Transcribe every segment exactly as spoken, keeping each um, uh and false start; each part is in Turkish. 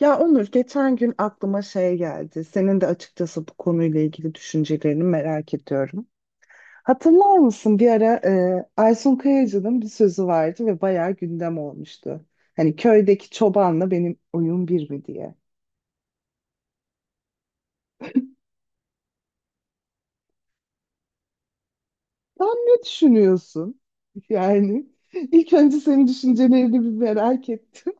Ya Onur, geçen gün aklıma şey geldi. Senin de açıkçası bu konuyla ilgili düşüncelerini merak ediyorum. Hatırlar mısın bir ara e, Aysun Kayacı'nın bir sözü vardı ve bayağı gündem olmuştu. Hani köydeki çobanla benim oyun bir mi diye. Sen ne düşünüyorsun? Yani ilk önce senin düşüncelerini bir merak ettim.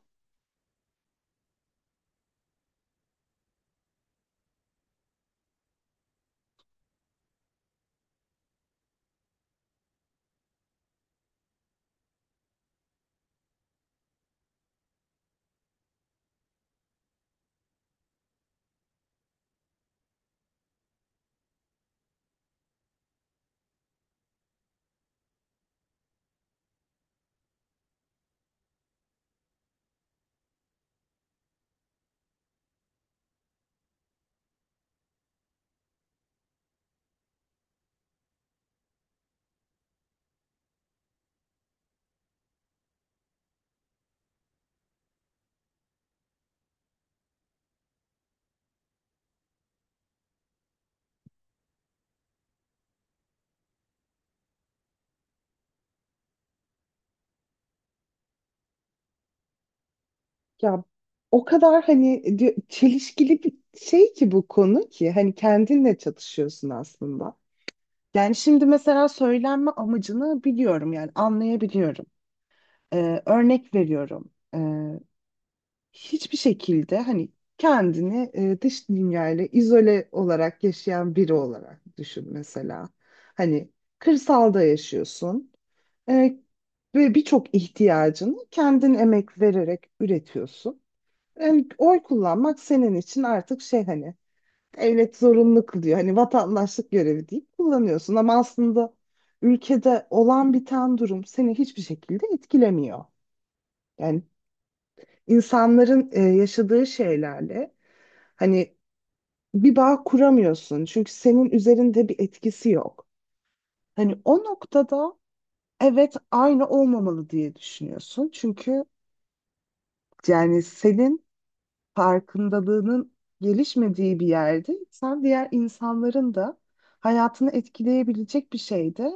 Ya o kadar hani di- çelişkili bir şey ki bu konu ki hani kendinle çatışıyorsun aslında. Yani şimdi mesela söylenme amacını biliyorum, yani anlayabiliyorum. Ee, örnek veriyorum. Ee, hiçbir şekilde hani kendini e, dış dünyayla izole olarak yaşayan biri olarak düşün mesela. Hani kırsalda yaşıyorsun e, ve birçok ihtiyacını kendin emek vererek üretiyorsun. Yani oy kullanmak senin için artık şey, hani devlet zorunlu kılıyor. Hani vatandaşlık görevi deyip kullanıyorsun ama aslında ülkede olan biten durum seni hiçbir şekilde etkilemiyor. Yani insanların e, yaşadığı şeylerle hani bir bağ kuramıyorsun çünkü senin üzerinde bir etkisi yok. Hani o noktada evet aynı olmamalı diye düşünüyorsun. Çünkü yani senin farkındalığının gelişmediği bir yerde sen diğer insanların da hayatını etkileyebilecek bir şeyde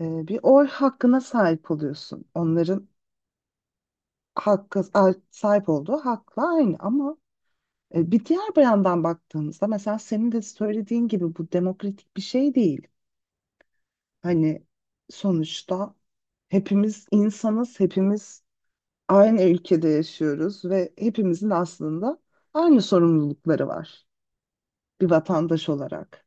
e, bir oy hakkına sahip oluyorsun. Onların hakkı, a- sahip olduğu hakla aynı ama e, bir diğer bir yandan baktığımızda mesela senin de söylediğin gibi bu demokratik bir şey değil. Hani sonuçta hepimiz insanız, hepimiz aynı ülkede yaşıyoruz ve hepimizin aslında aynı sorumlulukları var. Bir vatandaş olarak.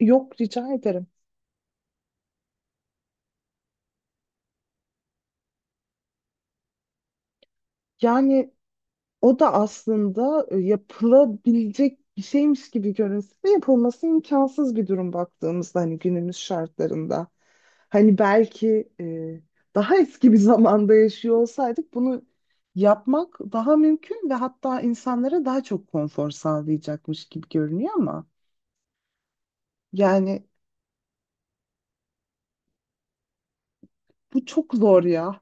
Yok, rica ederim. Yani o da aslında e, yapılabilecek bir şeymiş gibi görünse de yapılması imkansız bir durum baktığımızda hani günümüz şartlarında. Hani belki e, daha eski bir zamanda yaşıyor olsaydık bunu yapmak daha mümkün ve hatta insanlara daha çok konfor sağlayacakmış gibi görünüyor ama yani bu çok zor ya.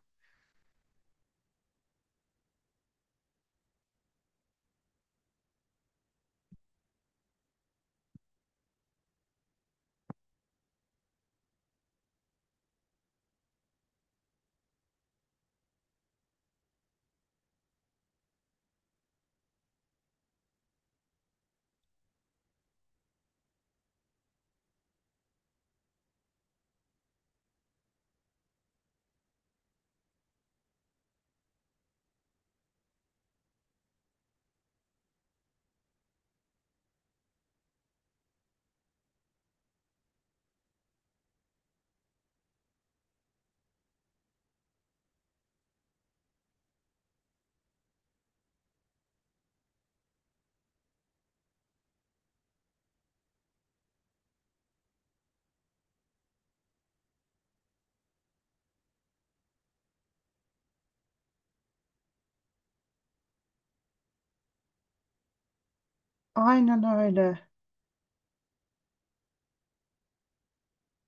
Aynen öyle.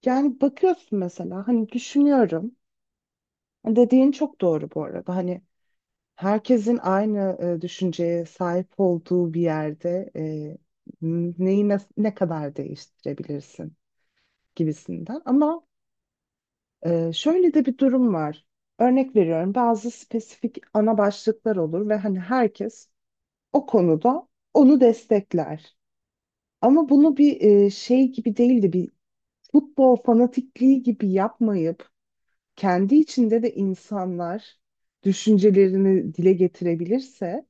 Yani bakıyorsun mesela, hani düşünüyorum. Dediğin çok doğru bu arada. Hani herkesin aynı e, düşünceye sahip olduğu bir yerde e, neyi ne, ne kadar değiştirebilirsin gibisinden. Ama e, şöyle de bir durum var. Örnek veriyorum, bazı spesifik ana başlıklar olur ve hani herkes o konuda onu destekler. Ama bunu bir e, şey gibi değil de bir futbol fanatikliği gibi yapmayıp kendi içinde de insanlar düşüncelerini dile getirebilirse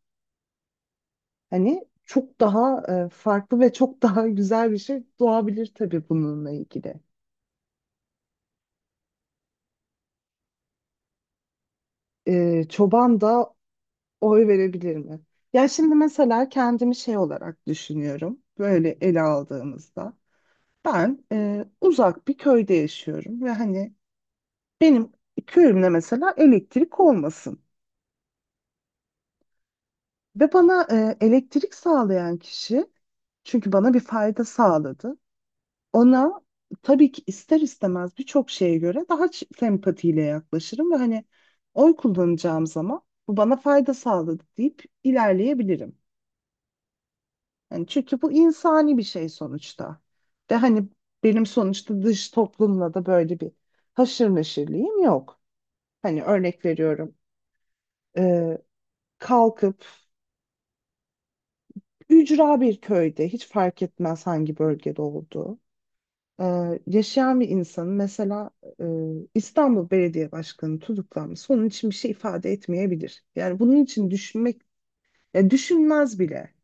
hani çok daha e, farklı ve çok daha güzel bir şey doğabilir tabii bununla ilgili. E, çoban da oy verebilir mi? Ya şimdi mesela kendimi şey olarak düşünüyorum. Böyle ele aldığımızda ben e, uzak bir köyde yaşıyorum ve hani benim köyümde mesela elektrik olmasın. Ve bana e, elektrik sağlayan kişi, çünkü bana bir fayda sağladı. Ona tabii ki ister istemez birçok şeye göre daha ç- sempatiyle yaklaşırım ve hani oy kullanacağım zaman bu bana fayda sağladı deyip ilerleyebilirim. Yani çünkü bu insani bir şey sonuçta. Ve hani benim sonuçta dış toplumla da böyle bir haşır neşirliğim yok. Hani örnek veriyorum. e, Kalkıp ücra bir köyde, hiç fark etmez hangi bölgede olduğu, Ee, yaşayan bir insanın mesela e, İstanbul Belediye Başkanı tutuklanması onun için bir şey ifade etmeyebilir. Yani bunun için düşünmek, ya düşünmez bile.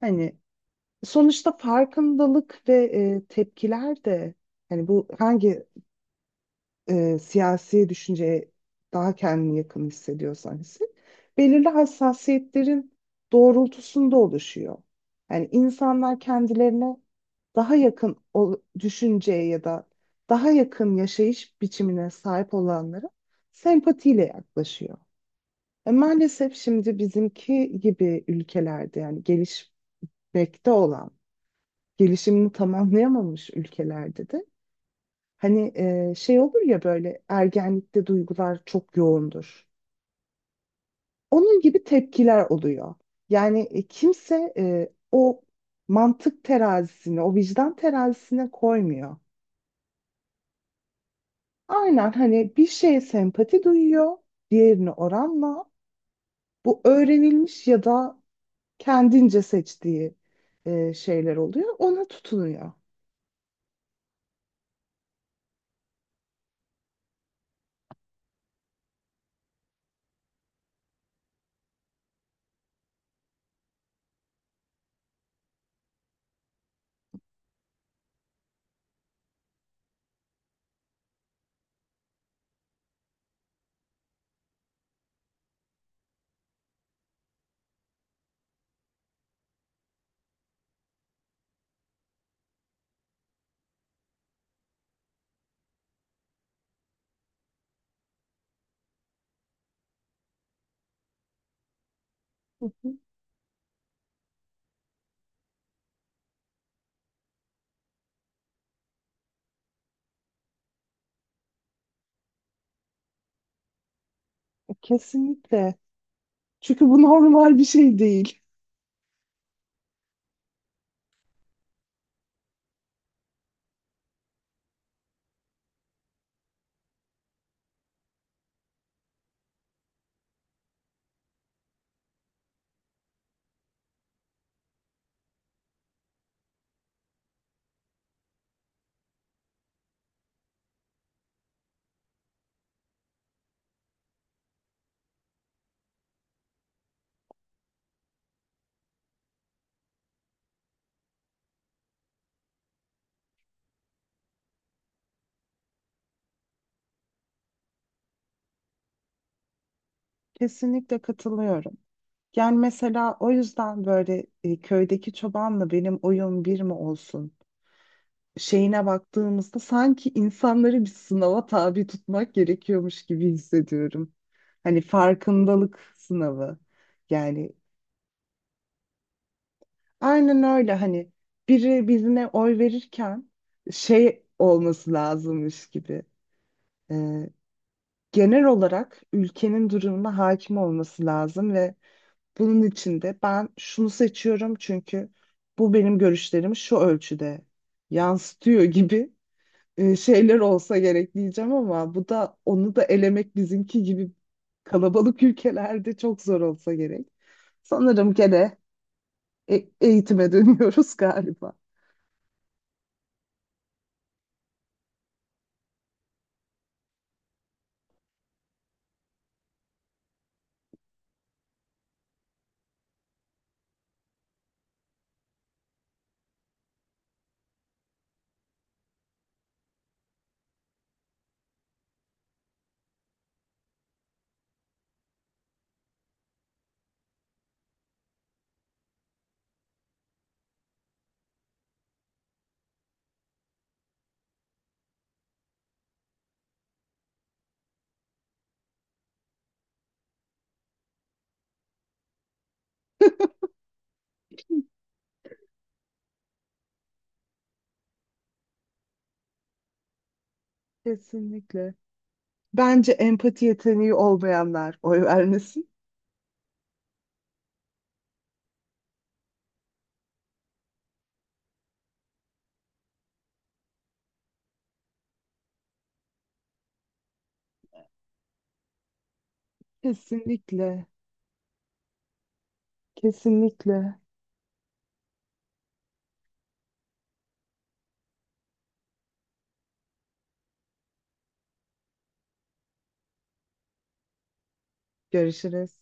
Hani sonuçta farkındalık ve e, tepkiler de hani bu hangi e, siyasi düşünceye daha kendini yakın hissediyorsan hisset, belirli hassasiyetlerin doğrultusunda oluşuyor. Yani insanlar kendilerine daha yakın o düşünceye ya da daha yakın yaşayış biçimine sahip olanlara sempatiyle yaklaşıyor. E, maalesef şimdi bizimki gibi ülkelerde, yani gelişmekte olan, gelişimini tamamlayamamış ülkelerde de hani e, şey olur ya, böyle ergenlikte duygular çok yoğundur. Onun gibi tepkiler oluyor. Yani e, kimse e, o mantık terazisini, o vicdan terazisine koymuyor. Aynen, hani bir şeye sempati duyuyor, diğerine oranla. Bu öğrenilmiş ya da kendince seçtiği e, şeyler oluyor. Ona tutunuyor. Hı hı. Kesinlikle. Çünkü bu normal bir şey değil. Kesinlikle katılıyorum. Yani mesela o yüzden böyle e, köydeki çobanla benim oyun bir mi olsun şeyine baktığımızda sanki insanları bir sınava tabi tutmak gerekiyormuş gibi hissediyorum. Hani farkındalık sınavı. Yani aynen öyle, hani biri birine oy verirken şey olması lazımmış gibi. E, Genel olarak ülkenin durumuna hakim olması lazım ve bunun içinde ben şunu seçiyorum çünkü bu benim görüşlerimi şu ölçüde yansıtıyor gibi e, şeyler olsa gerek, diyeceğim ama bu da, onu da elemek bizimki gibi kalabalık ülkelerde çok zor olsa gerek. Sanırım gene e- eğitime dönüyoruz galiba. Kesinlikle. Bence empati yeteneği olmayanlar oy vermesin. Kesinlikle. Kesinlikle. Görüşürüz.